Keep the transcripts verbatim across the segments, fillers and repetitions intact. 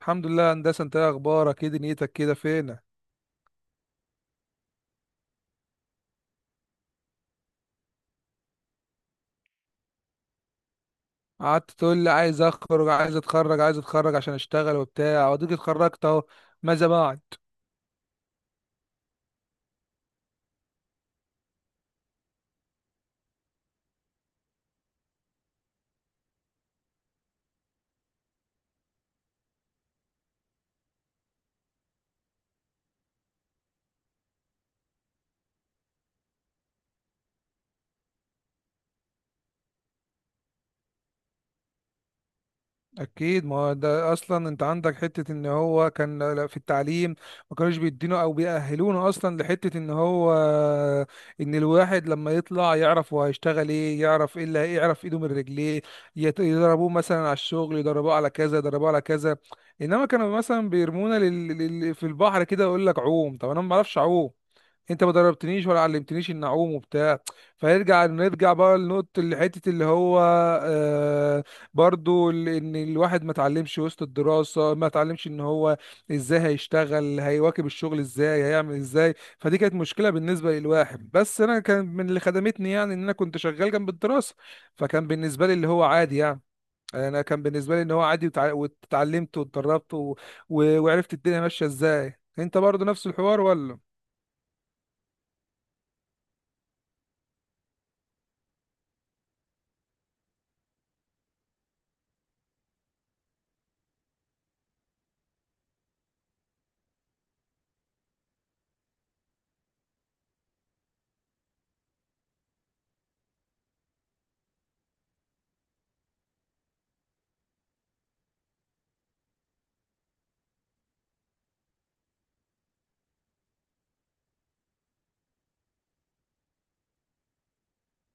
الحمد لله يا هندسه. انت ايه اخبارك؟ ايه دنيتك كده؟ فينك؟ قعدت تقول لي عايز اخرج، عايز اتخرج عايز اتخرج عشان اشتغل وبتاع، واديك اتخرجت اهو. ماذا بعد؟ اكيد، ما هو ده اصلا انت عندك حته ان هو كان لا- في التعليم ما كانوش بيدينه او بيأهلونا اصلا لحته ان هو ان الواحد لما يطلع يعرف هو هيشتغل ايه، يعرف ايه اللي هي- يعرف ايده من رجليه. يت- يضربوه مثلا على الشغل، يضربوه على كذا، يضربوه على كذا. انما كانوا مثلا بيرمونا لل... لل... في البحر كده، يقول لك عوم، طب انا ما بعرفش اعوم، انت ما دربتنيش ولا علمتنيش ان اعوم وبتاع. فيرجع نرجع بقى لنقطة الحتة اللي هو آه، برضو ال- ان الواحد ما اتعلمش وسط الدراسة، ما اتعلمش ان هو ازاي هيشتغل، هيواكب الشغل ازاي، هيعمل ازاي. فدي كانت مشكلة بالنسبة للواحد. بس انا كان من اللي خدمتني يعني ان انا كنت شغال جنب الدراسة، فكان بالنسبة لي اللي هو عادي يعني. انا كان بالنسبة لي ان هو عادي، وتع- واتعلمت واتدربت و- و- وعرفت الدنيا ماشية ازاي. انت برضو نفس الحوار ولا؟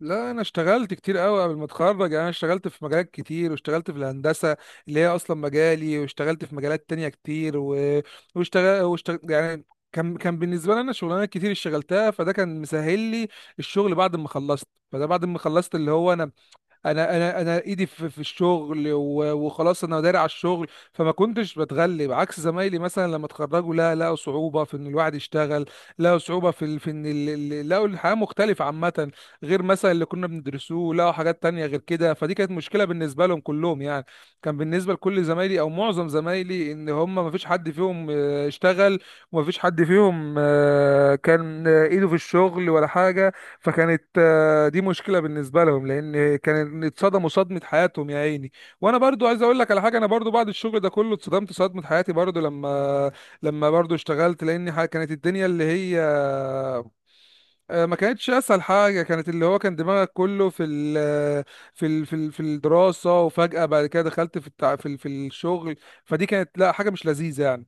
لا، انا اشتغلت كتير قوي قبل ما اتخرج. يعني انا اشتغلت في مجالات كتير، واشتغلت في الهندسه اللي هي اصلا مجالي، واشتغلت في مجالات تانية كتير و... واشتغل... واشتغل يعني. كان كان بالنسبه لي انا شغلانات كتير اشتغلتها، فده كان مسهل لي الشغل بعد ما خلصت. فده بعد ما خلصت اللي هو انا انا انا انا ايدي في, في الشغل و- وخلاص انا داري على الشغل. فما كنتش بتغلب عكس زمايلي مثلا لما اتخرجوا، لا، لقوا صعوبه في ان الواحد يشتغل. لقوا صعوبه في ال- في ان ال- ال- لقوا الحياه مختلفه عامه، غير مثلا اللي كنا بندرسوه، لقوا حاجات تانية غير كده. فدي كانت مشكله بالنسبه لهم كلهم يعني. كان بالنسبه لكل زمايلي او معظم زمايلي ان هم ما فيش حد فيهم آه، اشتغل، وما فيش حد فيهم آه، كان آه، ايده في الشغل ولا حاجه. فكانت آه، دي مشكله بالنسبه لهم، لان كان اتصدموا صدمه حياتهم يا عيني. وانا برضو عايز اقول لك على حاجه، انا برضو بعد الشغل ده كله اتصدمت صدمه حياتي برضو لما لما برضو اشتغلت، لان ح- كانت الدنيا اللي هي آه، ما كانتش اسهل حاجه. كانت اللي هو كان دماغك كله في ال في ال في ال في الدراسه، وفجاه بعد كده دخلت في التع... في ال- في الشغل. فدي كانت لا حاجه مش لذيذه يعني.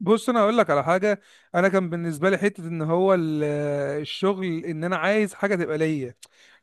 بص، انا هقول لك على حاجه. انا كان بالنسبه لي حته ان هو ال- الشغل ان انا عايز حاجه تبقى ليا،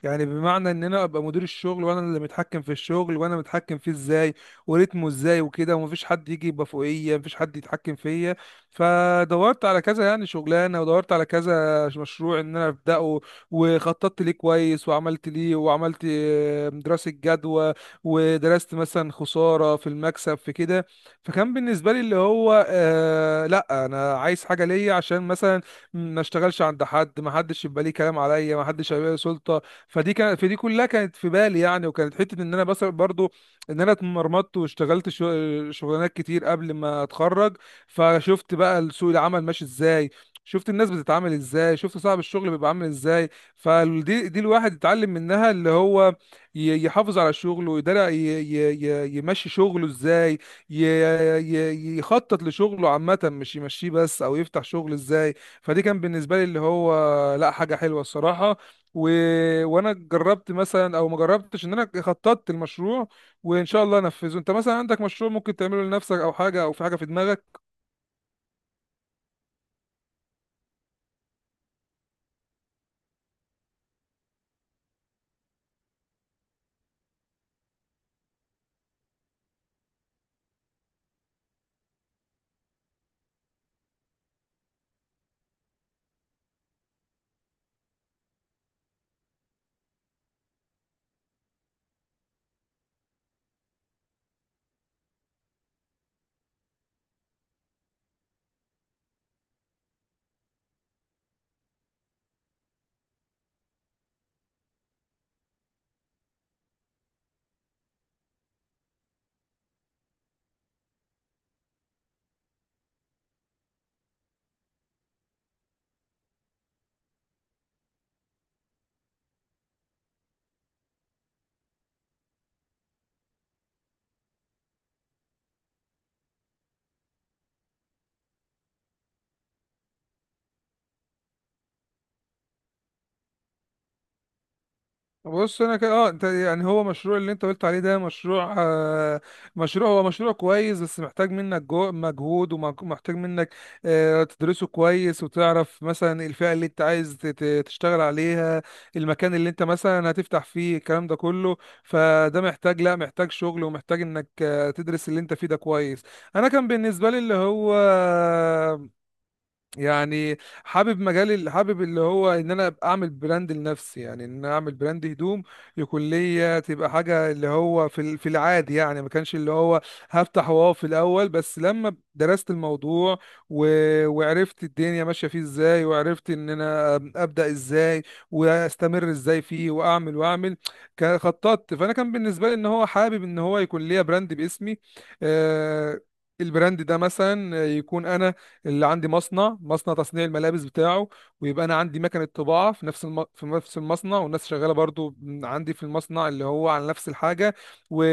يعني بمعنى ان انا ابقى مدير الشغل، وانا اللي متحكم في الشغل، وانا متحكم فيه ازاي وريتمه ازاي وكده، ومفيش حد يجي يبقى فوقيه، مفيش حد يتحكم فيا. فدورت على كذا يعني شغلانه، ودورت على كذا مشروع ان انا ابداه، وخططت ليه كويس، وعملت ليه، وعملت آه، دراسه جدوى، ودرست مثلا خساره في المكسب في كده. فكان بالنسبه لي اللي هو آه، لا انا عايز حاجه ليا عشان مثلا ما اشتغلش عند حد، ما حدش يبقى ليه كلام عليا، ما حدش هيبقى ليه سلطه. فدي كانت في، دي كلها كانت في بالي يعني. وكانت حته ان انا بس برضو ان انا اتمرمطت واشتغلت شو- شغلانات كتير قبل ما اتخرج، فشفت بقى سوق العمل ماشي ازاي، شفت الناس بتتعامل ازاي، شفت صاحب الشغل بيبقى عامل ازاي. فدي دي الواحد يتعلم منها اللي هو ي- يحافظ على شغله، ويقدر ي- ي- ي- يمشي شغله ازاي، ي- ي- يخطط لشغله عامة، مش يمشيه بس، أو يفتح شغل إزاي. فدي كان بالنسبة لي اللي هو لا حاجة حلوة الصراحة. و... وأنا جربت مثلا أو ما جربتش إن أنا خططت المشروع، وإن شاء الله أنفذه. أنت مثلا عندك مشروع ممكن تعمله لنفسك، أو حاجة، أو في حاجة في دماغك؟ بص انا كده اه، انت يعني هو مشروع اللي انت قلت عليه ده مشروع آه مشروع هو مشروع كويس، بس محتاج منك جو مجهود، ومحتاج منك آه، تدرسه كويس، وتعرف مثلا الفئة اللي انت عايز ت- ت- تشتغل عليها، المكان اللي انت مثلا هتفتح فيه، الكلام ده كله. فده محتاج، لا، محتاج شغل، ومحتاج انك آه، تدرس اللي انت فيه ده كويس. انا كان بالنسبة لي اللي هو يعني حابب مجال ال- حابب اللي هو ان انا أبقى اعمل براند لنفسي. يعني ان انا اعمل براند هدوم يكون ليا، تبقى حاجه اللي هو في ال- في العادي يعني. ما كانش اللي هو هفتح واو في الاول، بس لما درست الموضوع و... وعرفت الدنيا ماشيه فيه ازاي، وعرفت ان انا ابدا ازاي واستمر ازاي فيه، واعمل واعمل، ك- خططت. فانا كان بالنسبه لي ان هو حابب ان هو يكون ليا براند باسمي آه. البراند ده مثلا يكون انا اللي عندي مصنع، مصنع تصنيع الملابس بتاعه، ويبقى انا عندي مكنه طباعه في نفس الم... في نفس المصنع، والناس شغاله برضو عندي في المصنع اللي هو على نفس الحاجه، و...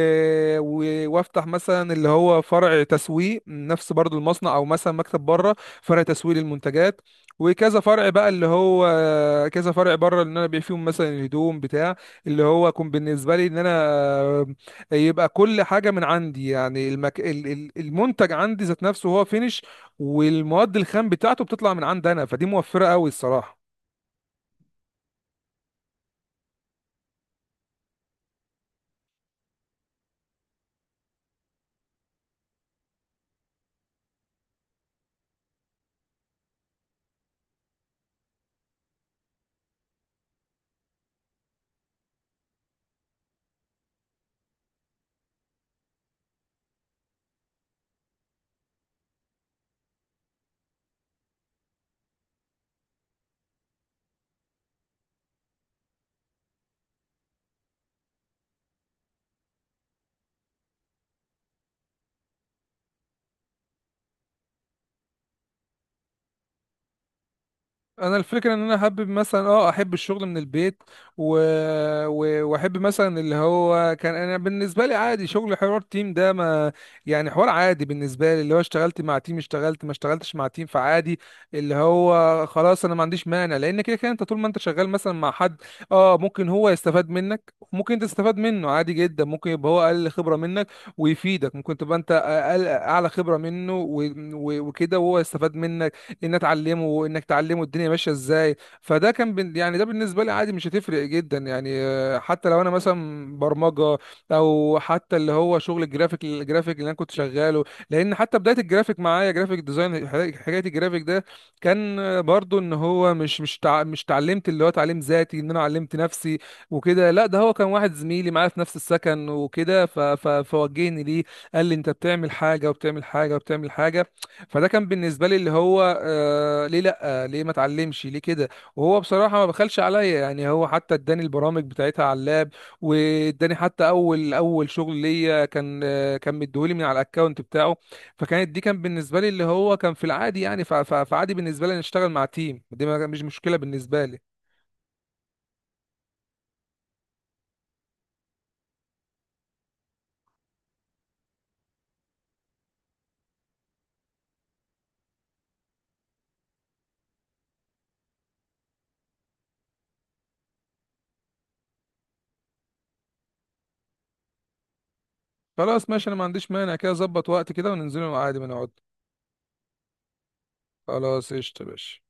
و... وافتح مثلا اللي هو فرع تسويق نفس برضو المصنع، او مثلا مكتب بره، فرع تسويق للمنتجات، وكذا فرع بقى اللي هو كذا فرع بره اللي انا ببيع فيهم مثلا الهدوم بتاع، اللي هو يكون بالنسبه لي ان انا يبقى كل حاجه من عندي. يعني المك... ال- ال- المنتج عندي ذات نفسه هو فينش، والمواد الخام بتاعته بتطلع من عند انا، فدي موفره قوي الصراحه. انا الفكره ان انا احب مثلا اه، احب الشغل من البيت، و... و... واحب مثلا اللي هو كان انا بالنسبه لي عادي شغل حوار تيم ده، ما يعني حوار عادي بالنسبه لي. اللي هو اشتغلت مع تيم، اشتغلت ما اشتغلتش مع تيم، فعادي. اللي هو خلاص، انا ما عنديش مانع، لان كده كده انت طول ما انت شغال مثلا مع حد اه، ممكن هو يستفاد منك، ممكن انت تستفاد منه، عادي جدا. ممكن يبقى هو اقل خبره منك ويفيدك، ممكن تبقى انت اقل اعلى خبره منه و... و... وكده وهو يستفاد منك، ان اتعلمه وانك تعلمه الدنيا ماشيه ازاي. فده كان بن... يعني ده بالنسبه لي عادي، مش هتفرق جدا يعني آه، حتى لو انا مثلا برمجه، او حتى اللي هو شغل الجرافيك. الجرافيك اللي انا كنت شغاله، لان حتى بدايه الجرافيك معايا جرافيك ديزاين، حكايه حكاية الجرافيك ده كان آه، برضو ان هو مش مش تع... مش اتعلمت اللي هو تعليم ذاتي ان انا علمت نفسي وكده، لا، ده هو كان واحد زميلي معايا في نفس السكن وكده، ف... ف... فوجهني ليه. قال لي انت بتعمل حاجه، وبتعمل حاجه، وبتعمل حاجه. فده كان بالنسبه لي اللي هو آه، ليه لا، ليه ما اتعلمش، ليه كده؟ وهو بصراحه ما بخلش عليا يعني. هو حتى اداني البرامج بتاعتها على اللاب، واداني حتى اول اول شغل ليا كان آه، كان مديهولي من على الاكونت بتاعه. فكانت دي، كان بالنسبه لي اللي هو كان في العادي يعني. ف- ف- فعادي بالنسبه لي أن اشتغل مع تيم، دي ما- مش مشكله بالنسبه لي. خلاص ماشي، انا ما عنديش مانع كده. اظبط وقت كده وننزله عادي، ما نقعد. خلاص قشطه يا باشا.